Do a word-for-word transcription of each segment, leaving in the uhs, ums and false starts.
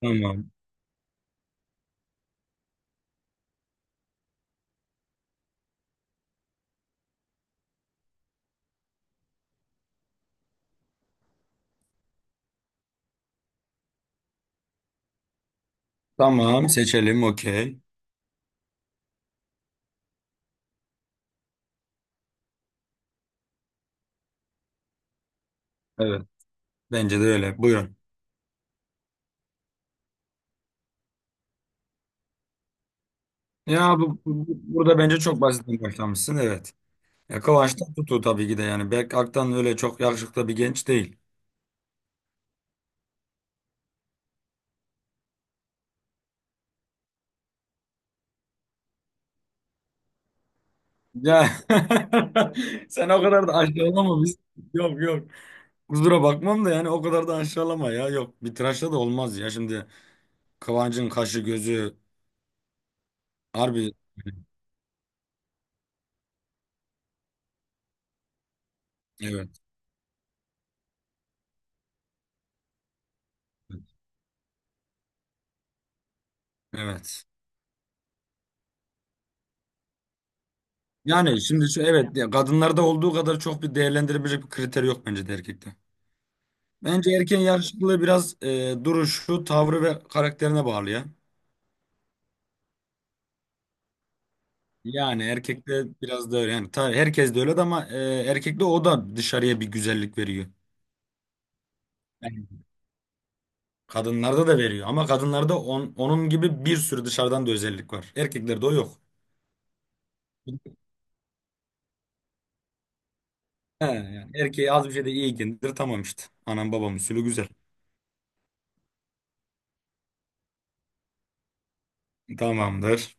Tamam. Tamam seçelim okey. Evet. Bence de öyle. Buyurun. Ya bu, bu- burada bence çok basitten başlamışsın evet. Ya Kıvanç tutu tabii ki de yani Berk Aktan öyle çok yakışıklı bir genç değil. Ya sen o kadar da aşağılama biz. Yok yok. Kusura bakmam da yani o kadar da aşağılama ya. Yok bir tıraşla da olmaz ya. Şimdi Kıvanç'ın kaşı gözü harbi evet evet. Yani şimdi şu evet ya kadınlarda olduğu kadar çok bir değerlendirebilecek bir kriter yok bence de erkekte. Bence erken yaşlılığı biraz e, duruşu, tavrı ve karakterine bağlı ya. Yani erkekte biraz da öyle. Yani tabii herkes de öyle de ama e, erkekte o da dışarıya bir güzellik veriyor. Yani kadınlarda da veriyor ama kadınlarda on- onun gibi bir sürü dışarıdan da özellik var. Erkeklerde o yok. He, yani erkeğe az bir şey de iyikindir tamam işte. Anam babam usulü güzel. Tamamdır.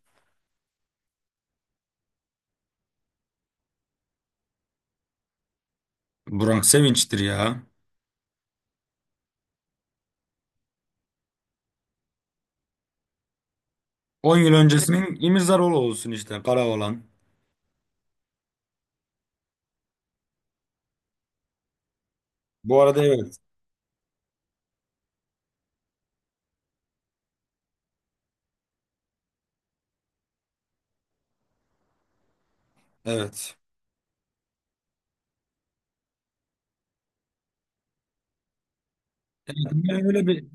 Burak Sevinç'tir ya. On yıl öncesinin İmirzaroğlu olsun işte Karaoğlan. Bu arada evet. Evet. Yani böyle bir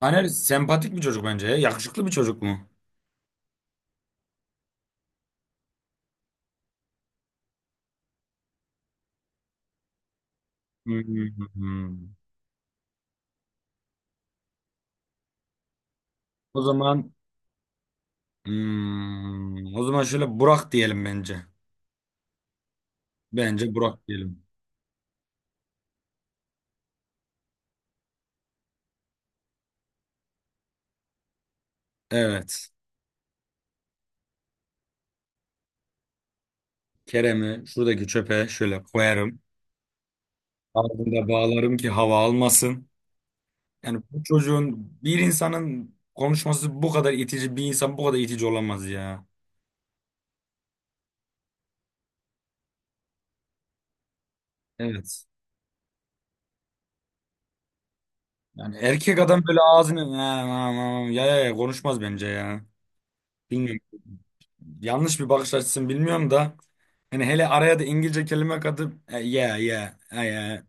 Taner sempatik bir çocuk bence ya. Yakışıklı bir çocuk mu? Hmm. O zaman hmm, o zaman şöyle Burak diyelim bence. Bence Burak diyelim. Evet. Kerem'i şuradaki çöpe şöyle koyarım. Ardında bağlarım ki hava almasın. Yani bu çocuğun bir insanın konuşması bu kadar itici bir insan bu kadar itici olamaz ya. Evet. Yani erkek adam böyle ağzını ya, ya, ya, ya, konuşmaz bence ya. Bilmiyorum. Yanlış bir bakış açısını bilmiyorum da hani hele araya da İngilizce kelime katıp e, ya ya e, ya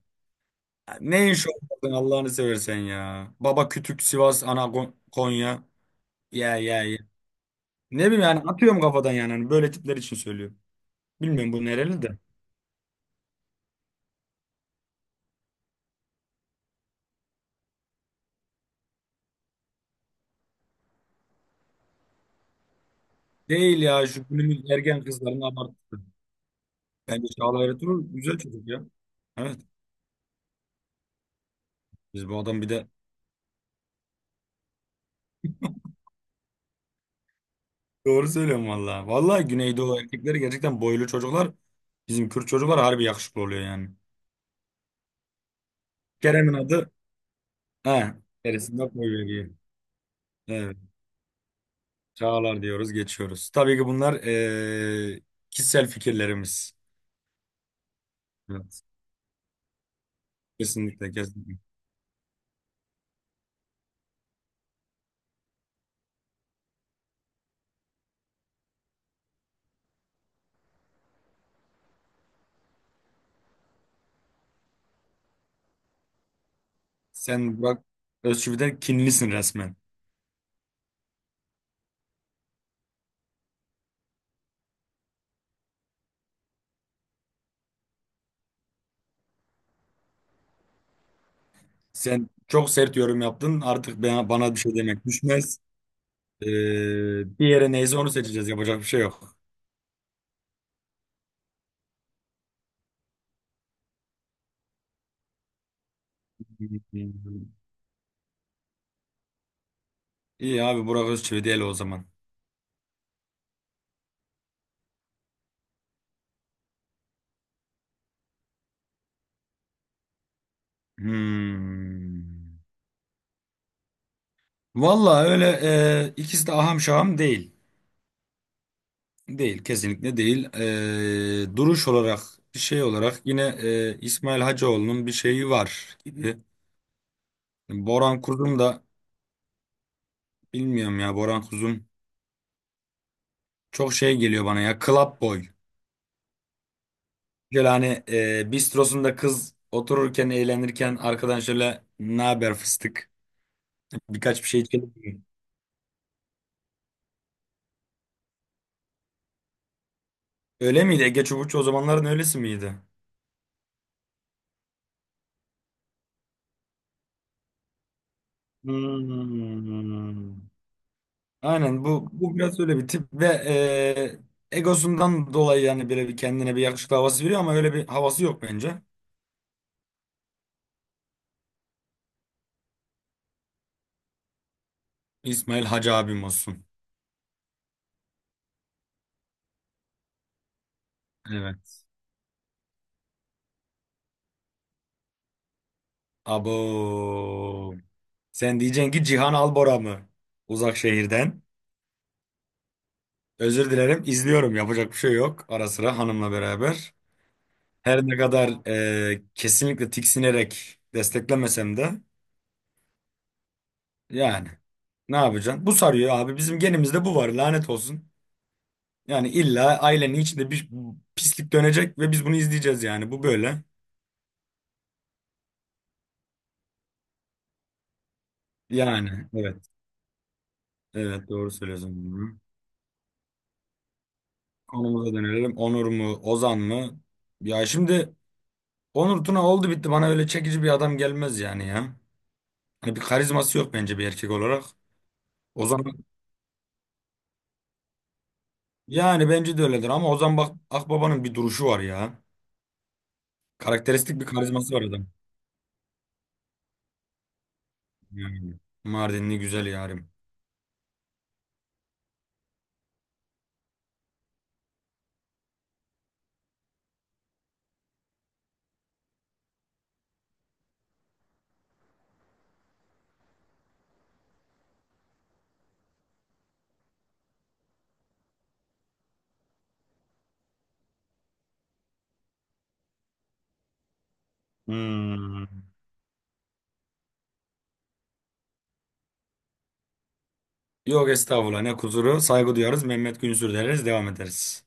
ne iş olmadın Allah'ını seversen ya. Baba Kütük Sivas ana Kon- Konya ya ya ya. Ne bileyim yani atıyorum kafadan yani hani böyle tipler için söylüyorum. Bilmiyorum bu nereli de. Değil ya şu günümüz ergen kızların abartısı. Bence Çağla Ertuğrul güzel çocuk ya. Evet biz bu adam bir de doğru söylüyorum vallahi. Vallahi Güneydoğu erkekleri gerçekten boylu çocuklar. Bizim Kürt çocuklar harbi yakışıklı oluyor yani. Kerem'in adı. He, neresinde koyuveriyor. Evet. Çağlar diyoruz, geçiyoruz. Tabii ki bunlar eee, kişisel fikirlerimiz. Evet. Kesinlikle, kesinlikle. Sen bak Özçivit'e kinlisin resmen. Sen çok sert yorum yaptın. Artık bana, bana bir şey demek düşmez. Eee bir yere neyse onu seçeceğiz. Yapacak bir şey yok. Hmm. İyi abi Burak Özçivit el o zaman. Hmm. Vallahi öyle eee, ikisi de aham şaham değil. Değil, kesinlikle değil. Ee, duruş olarak, şey olarak yine e, İsmail Hacıoğlu'nun bir şeyi var gibi. Boran Kuzum da bilmiyorum ya Boran Kuzum çok şey geliyor bana ya club boy. Şöyle hani e, bistrosunda kız otururken eğlenirken arkadan şöyle ne haber fıstık birkaç bir şey içelim mi?" Öyle miydi? Ege Çubukçu o zamanların öylesi miydi? Hmm. Aynen bu bu biraz öyle bir tip ve e, egosundan dolayı yani böyle bir kendine bir yakışıklı havası veriyor ama öyle bir havası yok bence. İsmail Hacı abim olsun. Evet. Abo. Sen diyeceksin ki Cihan Albora mı? Uzak şehirden. Özür dilerim izliyorum yapacak bir şey yok. Ara sıra hanımla beraber. Her ne kadar e, kesinlikle tiksinerek desteklemesem de yani ne yapacaksın? Bu sarıyor abi bizim genimizde bu var lanet olsun. Yani illa ailenin içinde bir pislik dönecek ve biz bunu izleyeceğiz yani. Bu böyle. Yani evet. Evet doğru söylüyorsun. Hı. Konumuza dönelim. Onur mu? Ozan mı? Ya şimdi Onur Tuna oldu bitti. Bana öyle çekici bir adam gelmez yani ya. Hani bir karizması yok bence bir erkek olarak. Ozan yani bence de öyledir ama Ozan bak Akbaba'nın bir duruşu var ya. Karakteristik bir karizması var adam. Yani. Mardinli güzel yarim. Hmm. Yok estağfurullah ne kusuru. Saygı duyarız. Mehmet Günsür deriz. Devam ederiz.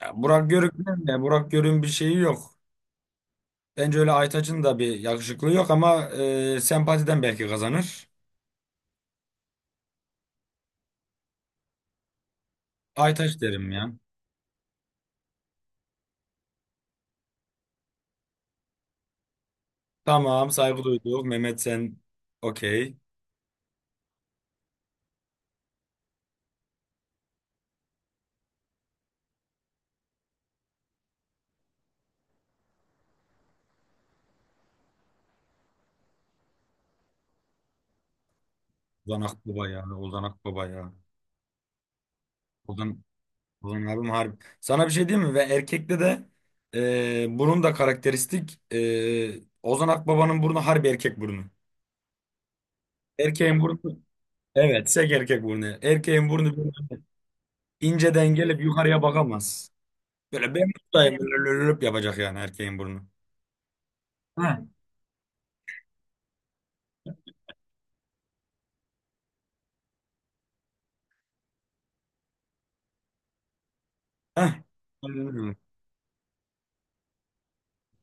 Ya, Burak Görük'ün de Burak Görük'ün bir şeyi yok. Bence öyle Aytaç'ın da bir yakışıklığı yok ama e, sempatiden belki kazanır. Aytaç derim ya. Tamam saygı duyduk. Mehmet sen okey. Ozan Akbaba ya. Ozan Akbaba ya. Ozan, Ozan abim harbi. Sana bir şey diyeyim mi? Ve erkekte de e, burun da karakteristik. E, Ozan Akbaba'nın burnu harbi erkek burnu. Erkeğin burnu. Evet, sek erkek burnu. Erkeğin burnu böyle inceden gelip yukarıya bakamaz. Böyle ben buradayım böyle lölölöp yapacak yani erkeğin burnu. Ha. Heh. Aynen öyle.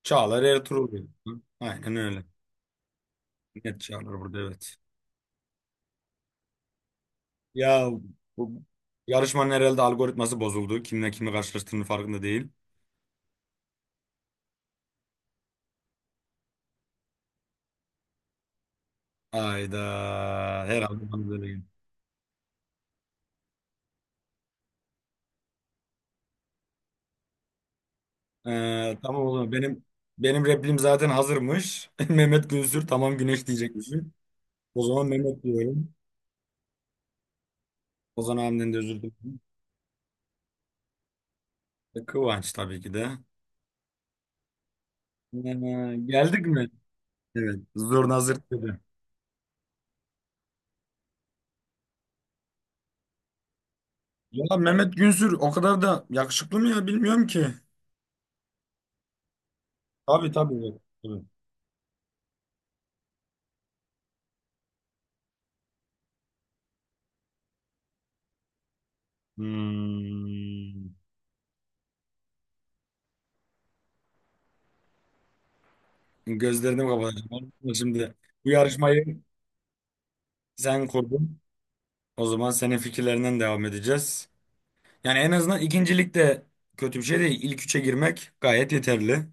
Çağlar Ertuğrul, diyor. Aynen öyle. Net Çağlar burada evet. Ya bu yarışmanın herhalde algoritması bozuldu. Kimle kimi karşılaştığının farkında değil. Hayda. Herhalde bana böyle geliyor. Ee, tamam oğlum benim benim replim zaten hazırmış. Mehmet Günsür tamam güneş diyecekmişim. O zaman Mehmet diyorum. Ozan abimden de özür dilerim. E, Kıvanç tabii ki de. Ee, geldik mi? Evet. Zurna zırt dedi. Ya Mehmet Günsür o kadar da yakışıklı mı ya bilmiyorum ki. Tabii tabii. Evet, tabii. Hmm. Gözlerini kapatacağım. Şimdi bu yarışmayı sen kurdun. O zaman senin fikirlerinden devam edeceğiz. Yani en azından ikincilik de kötü bir şey değil. İlk üçe girmek gayet yeterli.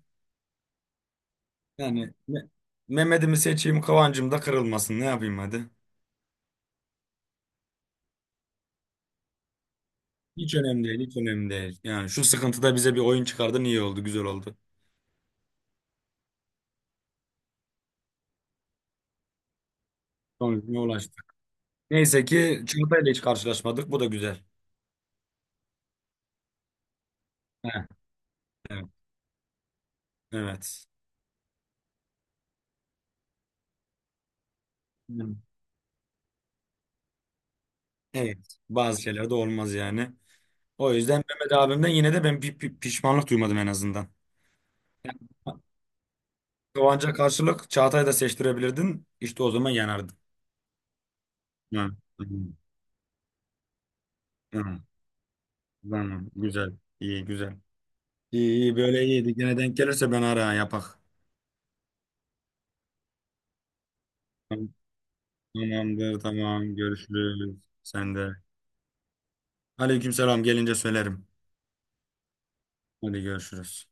Yani Me- Mehmet'imi seçeyim, Kıvancım da kırılmasın. Ne yapayım hadi? Hiç önemli değil, hiç önemli değil. Yani şu sıkıntıda bize bir oyun çıkardın iyi oldu, güzel oldu. Sonucuna ulaştık. Neyse ki çantayla hiç karşılaşmadık. Bu da güzel. Heh, evet. Evet. Hmm. Evet. Bazı şeyler de olmaz yani. O yüzden Mehmet abimden yine de ben bir pi- pişmanlık duymadım en azından. Kıvanç'a karşılık Çağatay'ı da seçtirebilirdin. İşte o zaman yanardın. Hı. Hı. Hı. Tamam. Güzel. İyi, güzel. İyi, iyi. Böyle iyiydi. Gene denk gelirse ben ara yapak. Tamamdır tamam görüşürüz. Sen de. Aleykümselam gelince söylerim. Hadi görüşürüz.